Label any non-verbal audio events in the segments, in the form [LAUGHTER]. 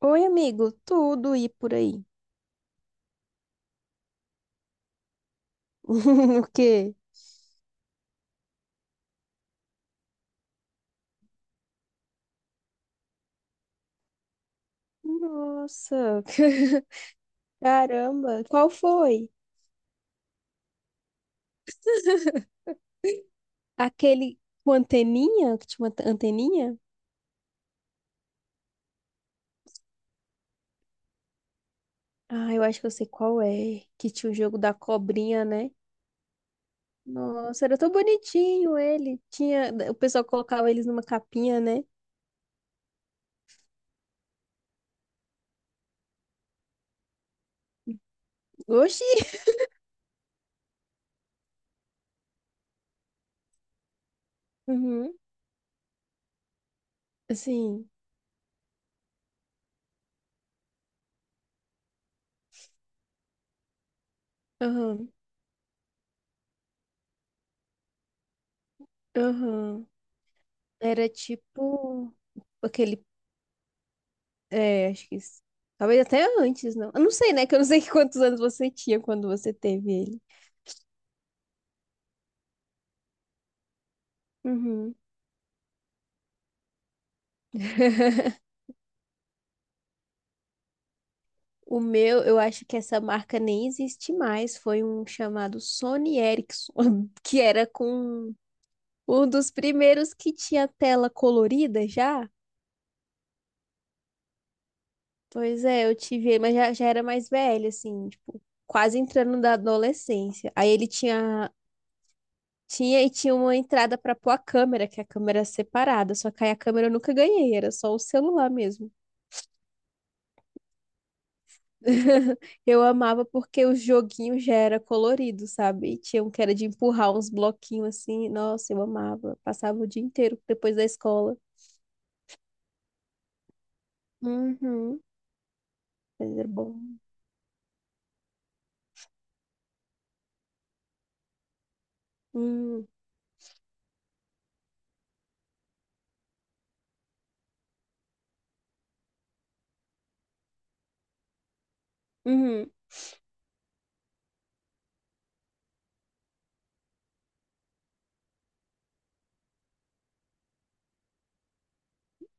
Oi, amigo, tudo e por aí? [LAUGHS] O quê? Nossa, [LAUGHS] caramba, qual foi? Aquele com anteninha, que tinha uma anteninha? Ah, eu acho que eu sei qual é, que tinha o jogo da cobrinha, né? Nossa, era tão bonitinho ele. Tinha, o pessoal colocava eles numa capinha, né? Oxi! Uhum, assim, aham, aham. Era tipo aquele. É, acho que isso. Talvez até antes, não. Eu não sei, né? Que eu não sei [LAUGHS] quantos anos você tinha quando você teve ele. Uhum. [LAUGHS] O meu, eu acho que essa marca nem existe mais. Foi um chamado Sony Ericsson, [LAUGHS] que era com um dos primeiros que tinha tela colorida já. Pois é, eu tive ele, mas já, já era mais velho, assim, tipo, quase entrando da adolescência. Aí ele tinha. Tinha uma entrada pra pôr a câmera, que a câmera é separada, só que aí a câmera eu nunca ganhei, era só o celular mesmo. [LAUGHS] Eu amava porque o joguinho já era colorido, sabe? E tinha um que era de empurrar uns bloquinhos assim. Nossa, eu amava. Passava o dia inteiro depois da escola. Uhum. Mas era bom. Hum. Uhum.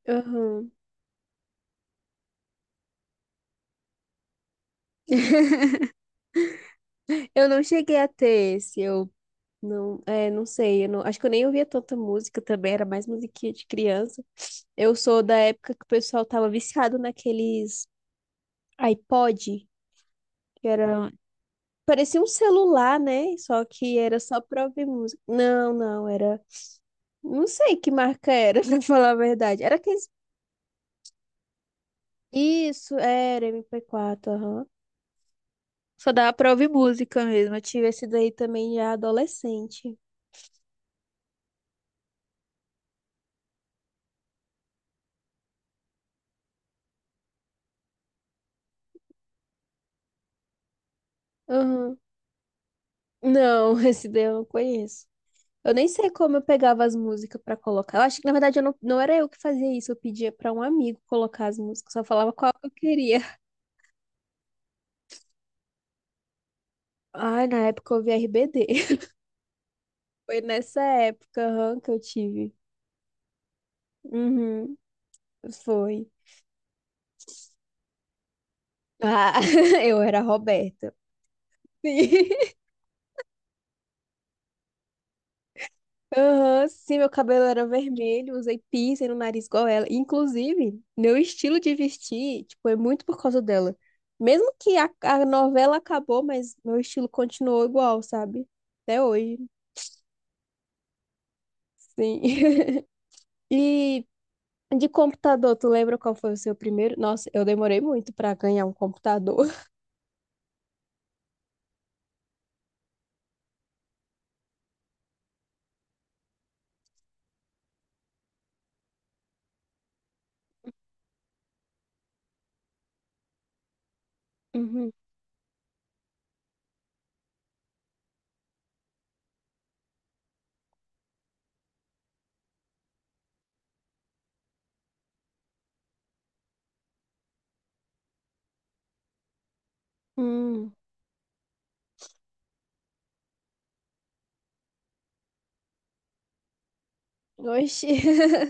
Uhum. Eu não cheguei a ter esse. Eu. Não, é, não sei, eu acho que eu nem ouvia tanta música também, era mais musiquinha de criança. Eu sou da época que o pessoal tava viciado naqueles iPod, que era, parecia um celular, né? Só que era só pra ouvir música. Não, não, era, não sei que marca era, [LAUGHS] pra falar a verdade. Era aqueles, isso, era MP4, aham. Só dava pra ouvir música mesmo, eu tive esse daí também já adolescente. Aham. Não, [LAUGHS] esse daí eu não conheço. Eu nem sei como eu pegava as músicas pra colocar. Eu acho que, na verdade, eu não, não era eu que fazia isso. Eu pedia pra um amigo colocar as músicas. Só falava qual que eu queria. [LAUGHS] Ai, na época eu ouvia RBD. [LAUGHS] Foi nessa época, aham, que eu tive. Uhum, foi. Ah, [LAUGHS] eu era a Roberta. Sim. Aham, sim, meu cabelo era vermelho, usei piercing no nariz igual ela. Inclusive, meu estilo de vestir, tipo, é muito por causa dela. Mesmo que a novela acabou, mas meu estilo continuou igual, sabe? Até hoje, sim. [LAUGHS] E de computador, tu lembra qual foi o seu primeiro? Nossa, eu demorei muito pra ganhar um computador. [LAUGHS] Uhum. Hum. Oxi. [LAUGHS]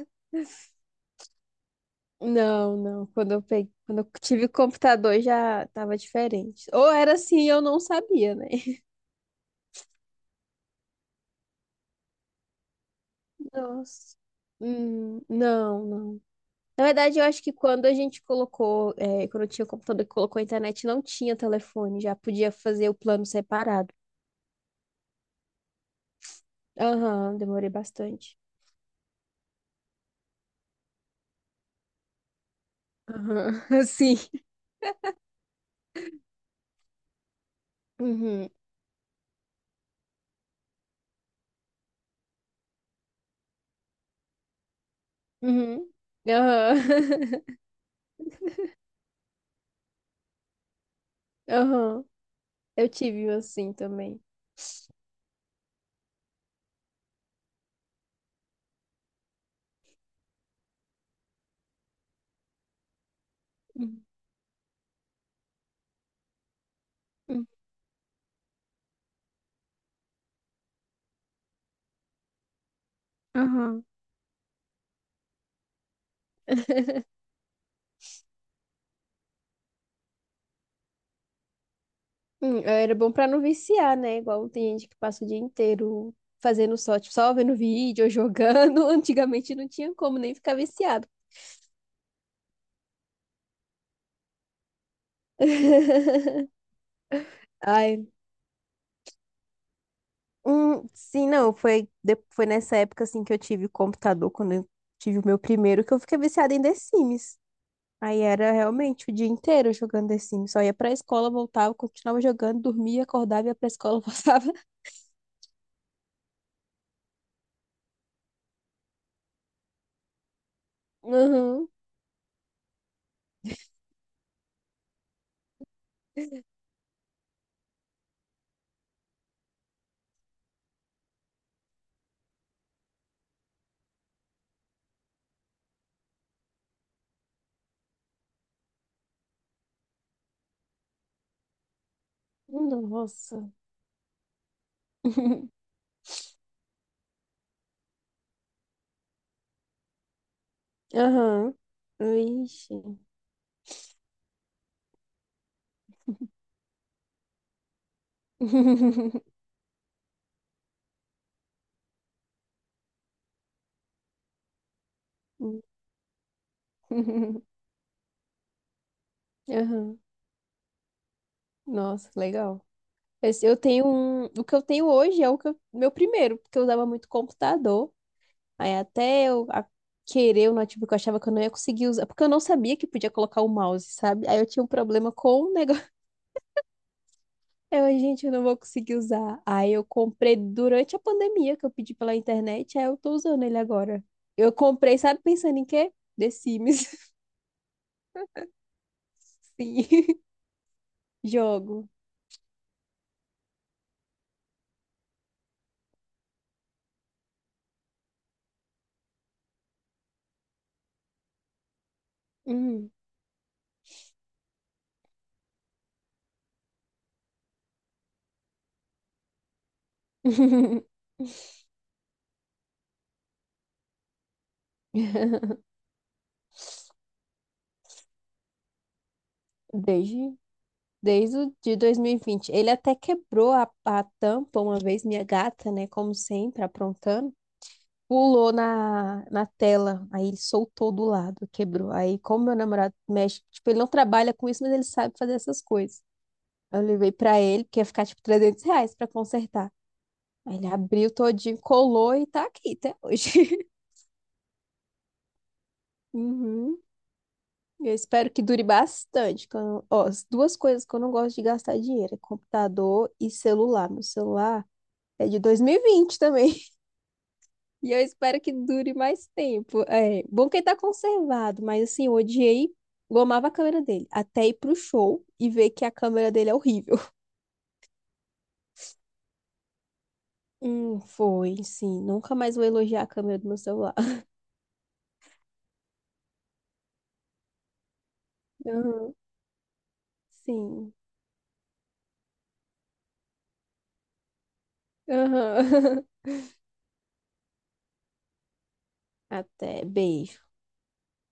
Não, não. Quando eu peguei, quando eu tive computador já tava diferente. Ou era assim, eu não sabia, né? Nossa. Não, não. Na verdade, eu acho que quando a gente colocou, é, quando eu tinha o computador e colocou a internet, não tinha telefone, já podia fazer o plano separado. Aham, demorei bastante. Aham, [LAUGHS] sim. Uhum, uhum, aham, [LAUGHS] aham. Eu tive um assim também. Uhum, uhum, aham. Era bom pra não viciar, né? Igual tem gente que passa o dia inteiro fazendo só, tipo, só vendo vídeo ou jogando. [LAUGHS] Antigamente não tinha como nem ficar viciado. [LAUGHS] Ai, sim, não, foi, foi nessa época assim que eu tive computador, quando eu tive o meu primeiro, que eu fiquei viciada em The Sims. Aí era realmente o dia inteiro jogando The Sims. Só ia pra escola, voltava, continuava jogando, dormia, acordava, ia pra escola, [LAUGHS] voltava. Uhum. Nossa. [LAUGHS] Aham. Vixe. [LAUGHS] Aham. Nossa, legal. Esse, eu tenho um. O que eu tenho hoje é o que meu primeiro, porque eu usava muito computador. Aí até eu querer o notebook, eu achava que eu não ia conseguir usar, porque eu não sabia que podia colocar o mouse, sabe? Aí eu tinha um problema com o negócio. [LAUGHS] Eu, gente, eu não vou conseguir usar. Aí eu comprei durante a pandemia, que eu pedi pela internet, aí eu tô usando ele agora. Eu comprei, sabe, pensando em quê? The Sims. [LAUGHS] Sim. Jogo. Uhum. [LAUGHS] Desde, desde o de 2020. Ele até quebrou a tampa uma vez, minha gata, né? Como sempre, aprontando. Pulou na tela, aí ele soltou do lado, quebrou. Aí, como meu namorado mexe, tipo, ele não trabalha com isso, mas ele sabe fazer essas coisas. Eu levei pra ele, que ia ficar tipo R$ 300 pra consertar. Aí ele abriu todinho, colou e tá aqui até hoje. [LAUGHS] Uhum. Eu espero que dure bastante. Que eu não- Ó, as duas coisas que eu não gosto de gastar dinheiro é computador e celular. Meu celular é de 2020 também. E eu espero que dure mais tempo. É, bom que ele tá conservado, mas assim, eu odiei, eu amava a câmera dele, até ir pro show e ver que a câmera dele é horrível. [LAUGHS] Foi, sim. Nunca mais vou elogiar a câmera do meu celular. [LAUGHS] Aham, sim. Aham. [LAUGHS] Até, beijo.